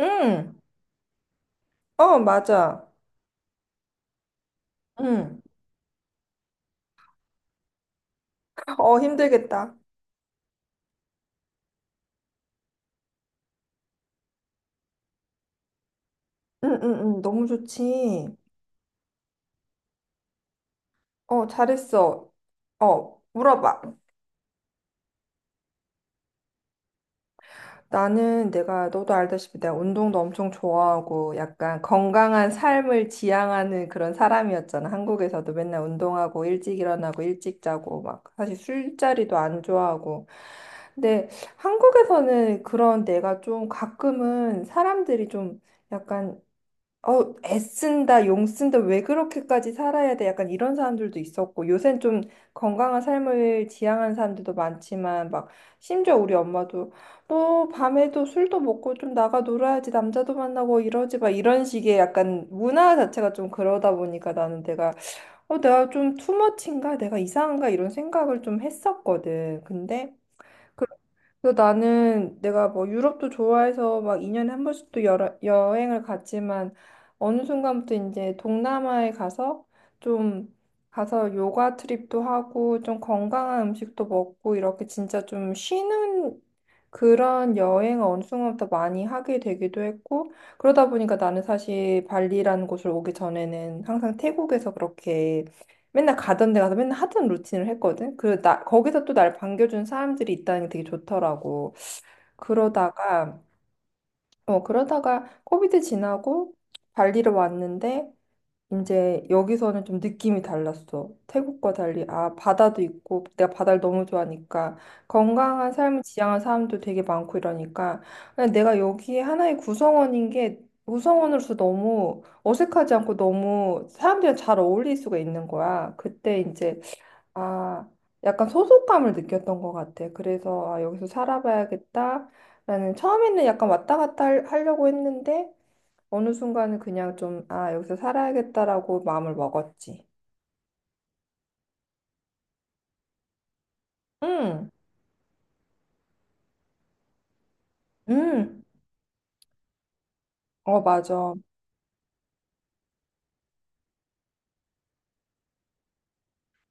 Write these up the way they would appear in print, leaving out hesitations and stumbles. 응, 어, 맞아. 응, 어, 힘들겠다. 응, 응, 응, 너무 좋지. 어, 잘했어. 어, 물어봐. 나는 내가, 너도 알다시피 내가 운동도 엄청 좋아하고 약간 건강한 삶을 지향하는 그런 사람이었잖아. 한국에서도 맨날 운동하고 일찍 일어나고 일찍 자고 막 사실 술자리도 안 좋아하고. 근데 한국에서는 그런 내가 좀 가끔은 사람들이 좀 약간 애쓴다, 용 쓴다, 왜 그렇게까지 살아야 돼? 약간 이런 사람들도 있었고, 요샌 좀 건강한 삶을 지향하는 사람들도 많지만, 막, 심지어 우리 엄마도, 너 밤에도 술도 먹고 좀 나가 놀아야지, 남자도 만나고 이러지 마. 이런 식의 약간 문화 자체가 좀 그러다 보니까 나는 내가, 내가 좀 투머치인가? 내가 이상한가? 이런 생각을 좀 했었거든. 근데, 그래서 나는 내가 뭐 유럽도 좋아해서 막 2년에 한 번씩 또 여행을 갔지만 어느 순간부터 이제 동남아에 가서 좀 가서 요가 트립도 하고 좀 건강한 음식도 먹고 이렇게 진짜 좀 쉬는 그런 여행을 어느 순간부터 많이 하게 되기도 했고, 그러다 보니까 나는 사실 발리라는 곳을 오기 전에는 항상 태국에서 그렇게 맨날 가던 데 가서 맨날 하던 루틴을 했거든. 거기서 또 날 반겨준 사람들이 있다는 게 되게 좋더라고. 그러다가, 그러다가 코비드 지나고 발리를 왔는데, 이제 여기서는 좀 느낌이 달랐어. 태국과 달리, 바다도 있고, 내가 바다를 너무 좋아하니까, 건강한 삶을 지향한 사람도 되게 많고 이러니까, 그냥 내가 여기에 하나의 구성원인 게, 구성원으로서 너무 어색하지 않고 너무 사람들이랑 잘 어울릴 수가 있는 거야. 그때 이제, 아, 약간 소속감을 느꼈던 것 같아. 그래서, 아, 여기서 살아봐야겠다. 라는, 처음에는 약간 왔다 갔다 하려고 했는데, 어느 순간은 그냥 좀, 여기서 살아야겠다라고 마음을 먹었지. 응, 응, 어, 맞아.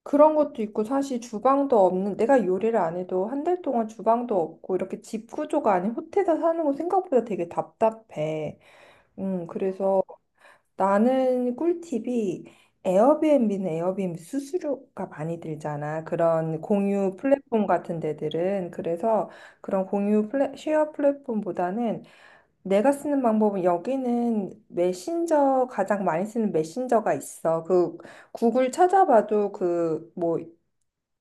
그런 것도 있고, 사실 주방도 없는, 내가 요리를 안 해도 한 달 동안 주방도 없고, 이렇게 집 구조가 아닌 호텔에서 사는 거 생각보다 되게 답답해. 그래서 나는 꿀팁이 에어비앤비는 에어비앤비 수수료가 많이 들잖아. 그런 공유 플랫폼 같은 데들은. 그래서 그런 공유 쉐어 플랫폼보다는 내가 쓰는 방법은 여기는 메신저 가장 많이 쓰는 메신저가 있어. 그 구글 찾아봐도 그뭐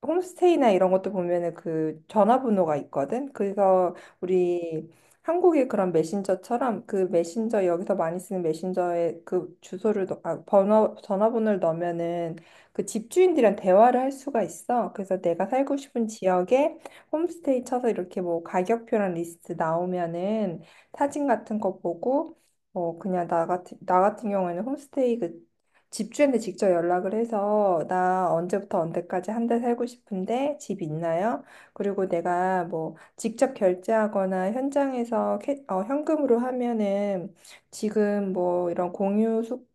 홈스테이나 이런 것도 보면은 그 전화번호가 있거든. 그래서 우리 한국의 그런 메신저처럼 그 메신저 여기서 많이 쓰는 메신저에 그 주소를 넣, 아, 번호 전화번호를 넣으면은 그 집주인들이랑 대화를 할 수가 있어. 그래서 내가 살고 싶은 지역에 홈스테이 쳐서 이렇게 뭐 가격표랑 리스트 나오면은 사진 같은 거 보고 어 그냥 나 같은 경우에는 홈스테이 그 집주인한테 직접 연락을 해서 나 언제부터 언제까지 한 달 살고 싶은데 집 있나요? 그리고 내가 뭐 직접 결제하거나 현장에서 현금으로 하면은 지금 뭐 이런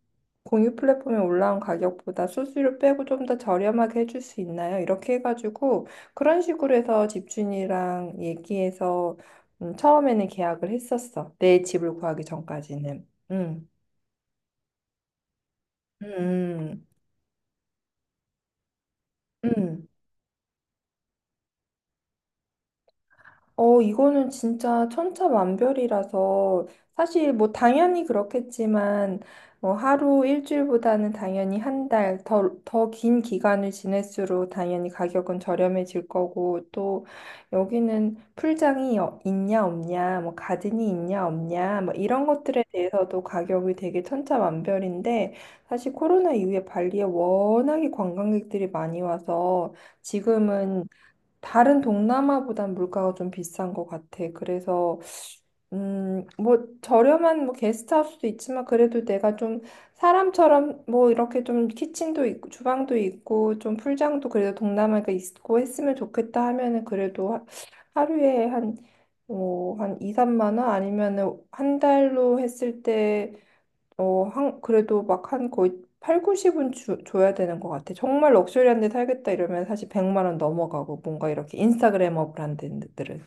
공유 플랫폼에 올라온 가격보다 수수료 빼고 좀 더 저렴하게 해줄 수 있나요? 이렇게 해가지고 그런 식으로 해서 집주인이랑 얘기해서 처음에는 계약을 했었어. 내 집을 구하기 전까지는. 음. 음. 음. 어, 이거는 진짜 천차만별이라서 사실 뭐 당연히 그렇겠지만 뭐 하루 일주일보다는 당연히 한 달 더 긴 기간을 지낼수록 당연히 가격은 저렴해질 거고 또 여기는 풀장이 있냐 없냐 뭐 가든이 있냐 없냐 뭐 이런 것들에 대해서도 가격이 되게 천차만별인데 사실 코로나 이후에 발리에 워낙에 관광객들이 많이 와서 지금은 다른 동남아보단 물가가 좀 비싼 것 같아. 그래서, 뭐, 저렴한 뭐 게스트하우스도 있지만, 그래도 내가 좀 사람처럼 뭐 이렇게 좀 키친도 있고, 주방도 있고, 좀 풀장도 그래도 동남아가 있고 했으면 좋겠다 하면은 그래도 하루에 한, 뭐, 한 2, 3만 원 아니면은 한 달로 했을 때 어, 한, 그래도 막 한 거의 8, 90은 줘야 되는 것 같아. 정말 럭셔리한 데 살겠다 이러면 사실 100만 원 넘어가고 뭔가 이렇게 인스타그래머 브랜드들은.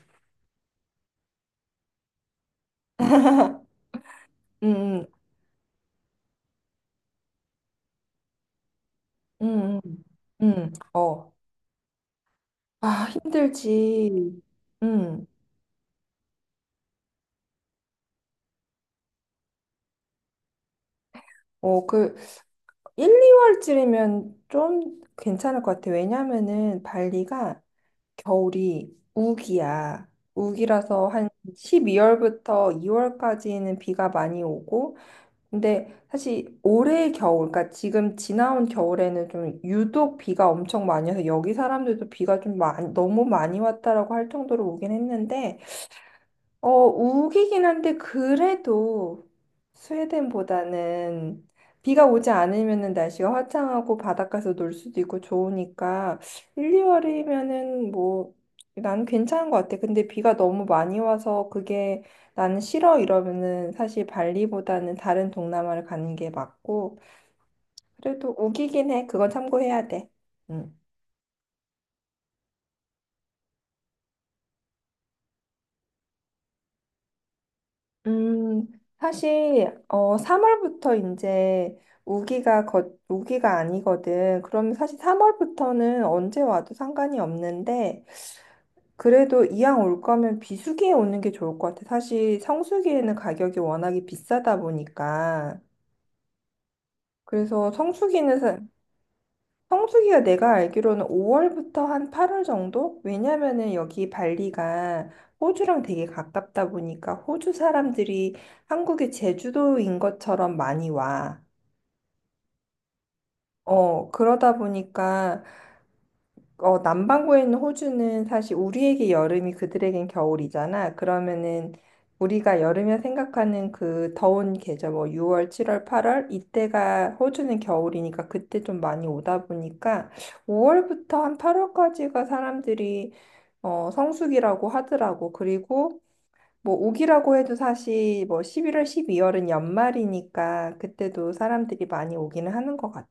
음, 음, 음, 음. 어. 아, 힘들지. 음. 어, 그 1, 2월쯤이면 좀 괜찮을 것 같아. 왜냐면은 발리가 겨울이 우기야. 우기라서 한 12월부터 2월까지는 비가 많이 오고 근데 사실 올해 겨울, 그러니까 지금 지나온 겨울에는 좀 유독 비가 엄청 많이 와서 여기 사람들도 비가 좀 많이, 너무 많이 왔다라고 할 정도로 오긴 했는데 어, 우기긴 한데 그래도 스웨덴보다는 비가 오지 않으면은 날씨가 화창하고 바닷가에서 놀 수도 있고 좋으니까 1, 2월이면은 뭐 나는 괜찮은 것 같아. 근데 비가 너무 많이 와서 그게 나는 싫어 이러면은 사실 발리보다는 다른 동남아를 가는 게 맞고 그래도 우기긴 해. 그건 참고해야 돼. 응. 음, 사실 어 3월부터 이제 우기가 아니거든. 그럼 사실 3월부터는 언제 와도 상관이 없는데 그래도 이왕 올 거면 비수기에 오는 게 좋을 것 같아. 사실 성수기에는 가격이 워낙에 비싸다 보니까. 그래서 성수기가 내가 알기로는 5월부터 한 8월 정도? 왜냐면은 여기 발리가 호주랑 되게 가깝다 보니까 호주 사람들이 한국의 제주도인 것처럼 많이 와. 어, 그러다 보니까 어, 남반구에 있는 호주는 사실 우리에게 여름이 그들에겐 겨울이잖아. 그러면은 우리가 여름에 생각하는 그 더운 계절, 뭐 6월, 7월, 8월 이때가 호주는 겨울이니까 그때 좀 많이 오다 보니까 5월부터 한 8월까지가 사람들이 어, 성수기라고 하더라고. 그리고 뭐 오기라고 해도 사실 뭐 11월, 12월은 연말이니까 그때도 사람들이 많이 오기는 하는 것 같아.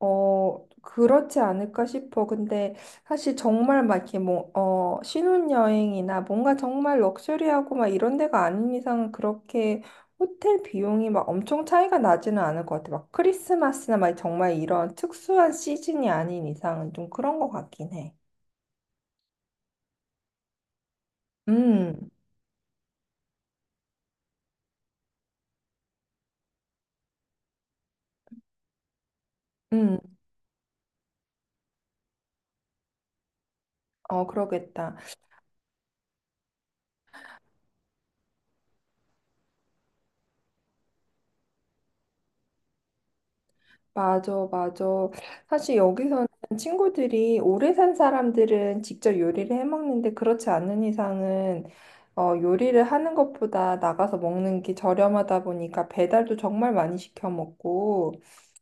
어, 그렇지 않을까 싶어. 근데 사실 정말 막 이렇게 뭐, 어, 신혼여행이나 뭔가 정말 럭셔리하고 막 이런 데가 아닌 이상은 그렇게 호텔 비용이 막 엄청 차이가 나지는 않을 것 같아. 막 크리스마스나 막 정말 이런 특수한 시즌이 아닌 이상은 좀 그런 것 같긴 해. 음, 음, 어, 그러겠다. 맞아, 맞아. 사실 여기서는 친구들이 오래 산 사람들은 직접 요리를 해 먹는데 그렇지 않은 이상은 어, 요리를 하는 것보다 나가서 먹는 게 저렴하다 보니까 배달도 정말 많이 시켜 먹고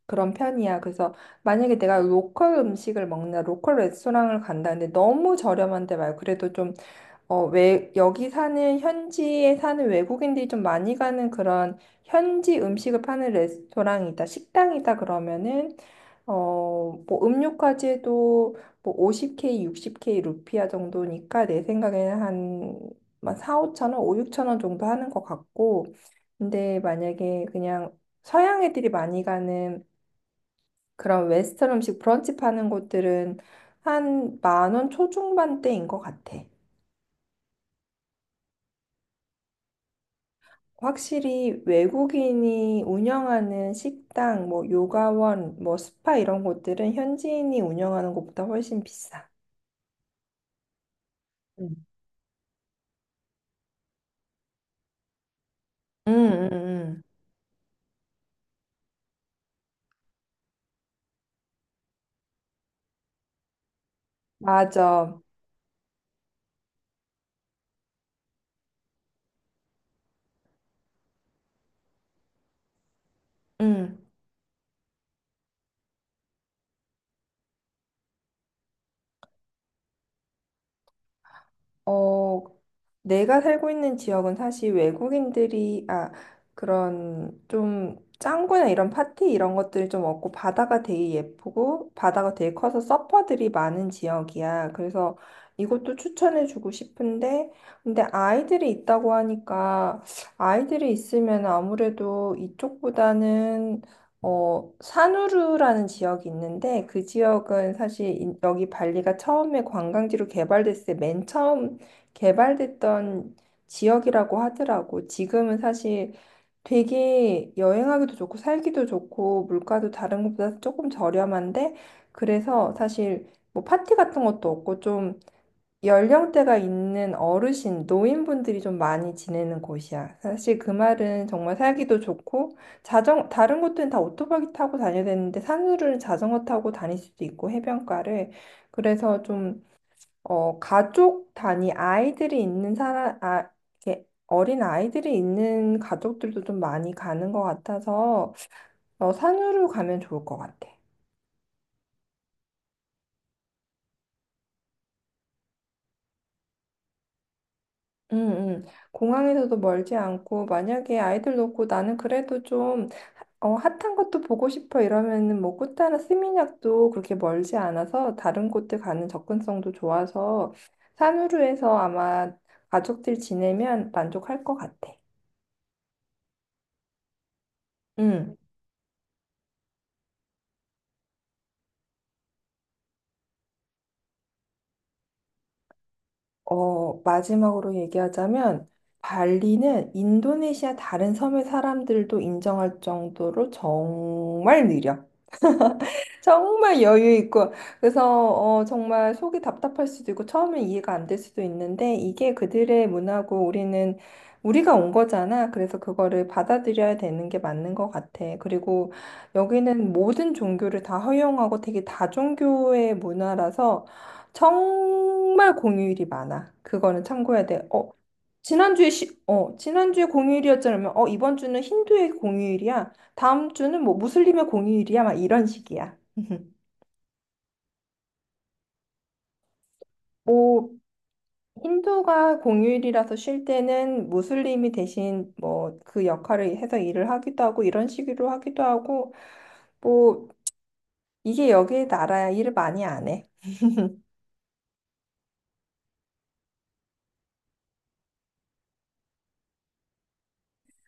그런 편이야. 그래서 만약에 내가 로컬 음식을 먹나 로컬 레스토랑을 간다는데 너무 저렴한데 말고 그래도 좀 여기 사는 현지에 사는 외국인들이 좀 많이 가는 그런 현지 음식을 파는 레스토랑이다, 식당이다 그러면은 어, 뭐 음료까지 해도 뭐 50K, 60K 루피아 정도니까 내 생각에는 한, 한 4, 5천 원, 5, 6천 원 정도 하는 것 같고 근데 만약에 그냥 서양 애들이 많이 가는 그런 웨스턴 음식 브런치 파는 곳들은 한 만 원 초중반대인 것 같아. 확실히 외국인이 운영하는 식당, 뭐 요가원, 뭐 스파 이런 곳들은 현지인이 운영하는 곳보다 훨씬 비싸. 음. 음, 음, 음. 맞아. 응. 어, 내가 살고 있는 지역은 사실 그런 좀 짱구나 이런 파티 이런 것들이 좀 없고 바다가 되게 예쁘고 바다가 되게 커서 서퍼들이 많은 지역이야. 그래서 이것도 추천해주고 싶은데, 근데 아이들이 있다고 하니까 아이들이 있으면 아무래도 이쪽보다는 어, 산우루라는 지역이 있는데 그 지역은 사실 여기 발리가 처음에 관광지로 개발됐을 때 맨 처음 개발됐던 지역이라고 하더라고. 지금은 사실 되게 여행하기도 좋고 살기도 좋고 물가도 다른 곳보다 조금 저렴한데 그래서 사실 뭐 파티 같은 것도 없고 좀 연령대가 있는 어르신, 노인분들이 좀 많이 지내는 곳이야. 사실 그 말은 정말 살기도 좋고 자전 다른 곳들은 다 오토바이 타고 다녀야 되는데 산후로는 자전거 타고 다닐 수도 있고 해변가를 그래서 좀 가족 단위 아이들이 있는 이렇게 어린 아이들이 있는 가족들도 좀 많이 가는 것 같아서 어, 산후로 가면 좋을 것 같아. 음, 음. 공항에서도 멀지 않고 만약에 아이들 놓고 나는 그래도 좀 어, 핫한 것도 보고 싶어 이러면은 뭐 꾸따나 스미냑도 그렇게 멀지 않아서 다른 곳들 가는 접근성도 좋아서 산후루에서 아마 가족들 지내면 만족할 것 같아. 음. 어, 마지막으로 얘기하자면, 발리는 인도네시아 다른 섬의 사람들도 인정할 정도로 정말 느려. 정말 여유 있고 그래서 어, 정말 속이 답답할 수도 있고 처음엔 이해가 안 될 수도 있는데 이게 그들의 문화고 우리는 우리가 온 거잖아. 그래서 그거를 받아들여야 되는 게 맞는 것 같아. 그리고 여기는 모든 종교를 다 허용하고 되게 다종교의 문화라서 정말 공휴일이 많아. 그거는 참고해야 돼. 어, 지난주에 공휴일이었잖아. 어, 이번 주는 힌두의 공휴일이야. 다음 주는 뭐 무슬림의 공휴일이야. 막 이런 식이야. 뭐 힌두가 공휴일이라서 쉴 때는 무슬림이 대신 뭐 그 역할을 해서 일을 하기도 하고 이런 식으로 하기도 하고 뭐 이게 여기 나라야 일을 많이 안 해.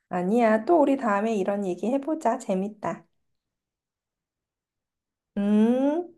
아니야. 또 우리 다음에 이런 얘기 해보자. 재밌다. 음.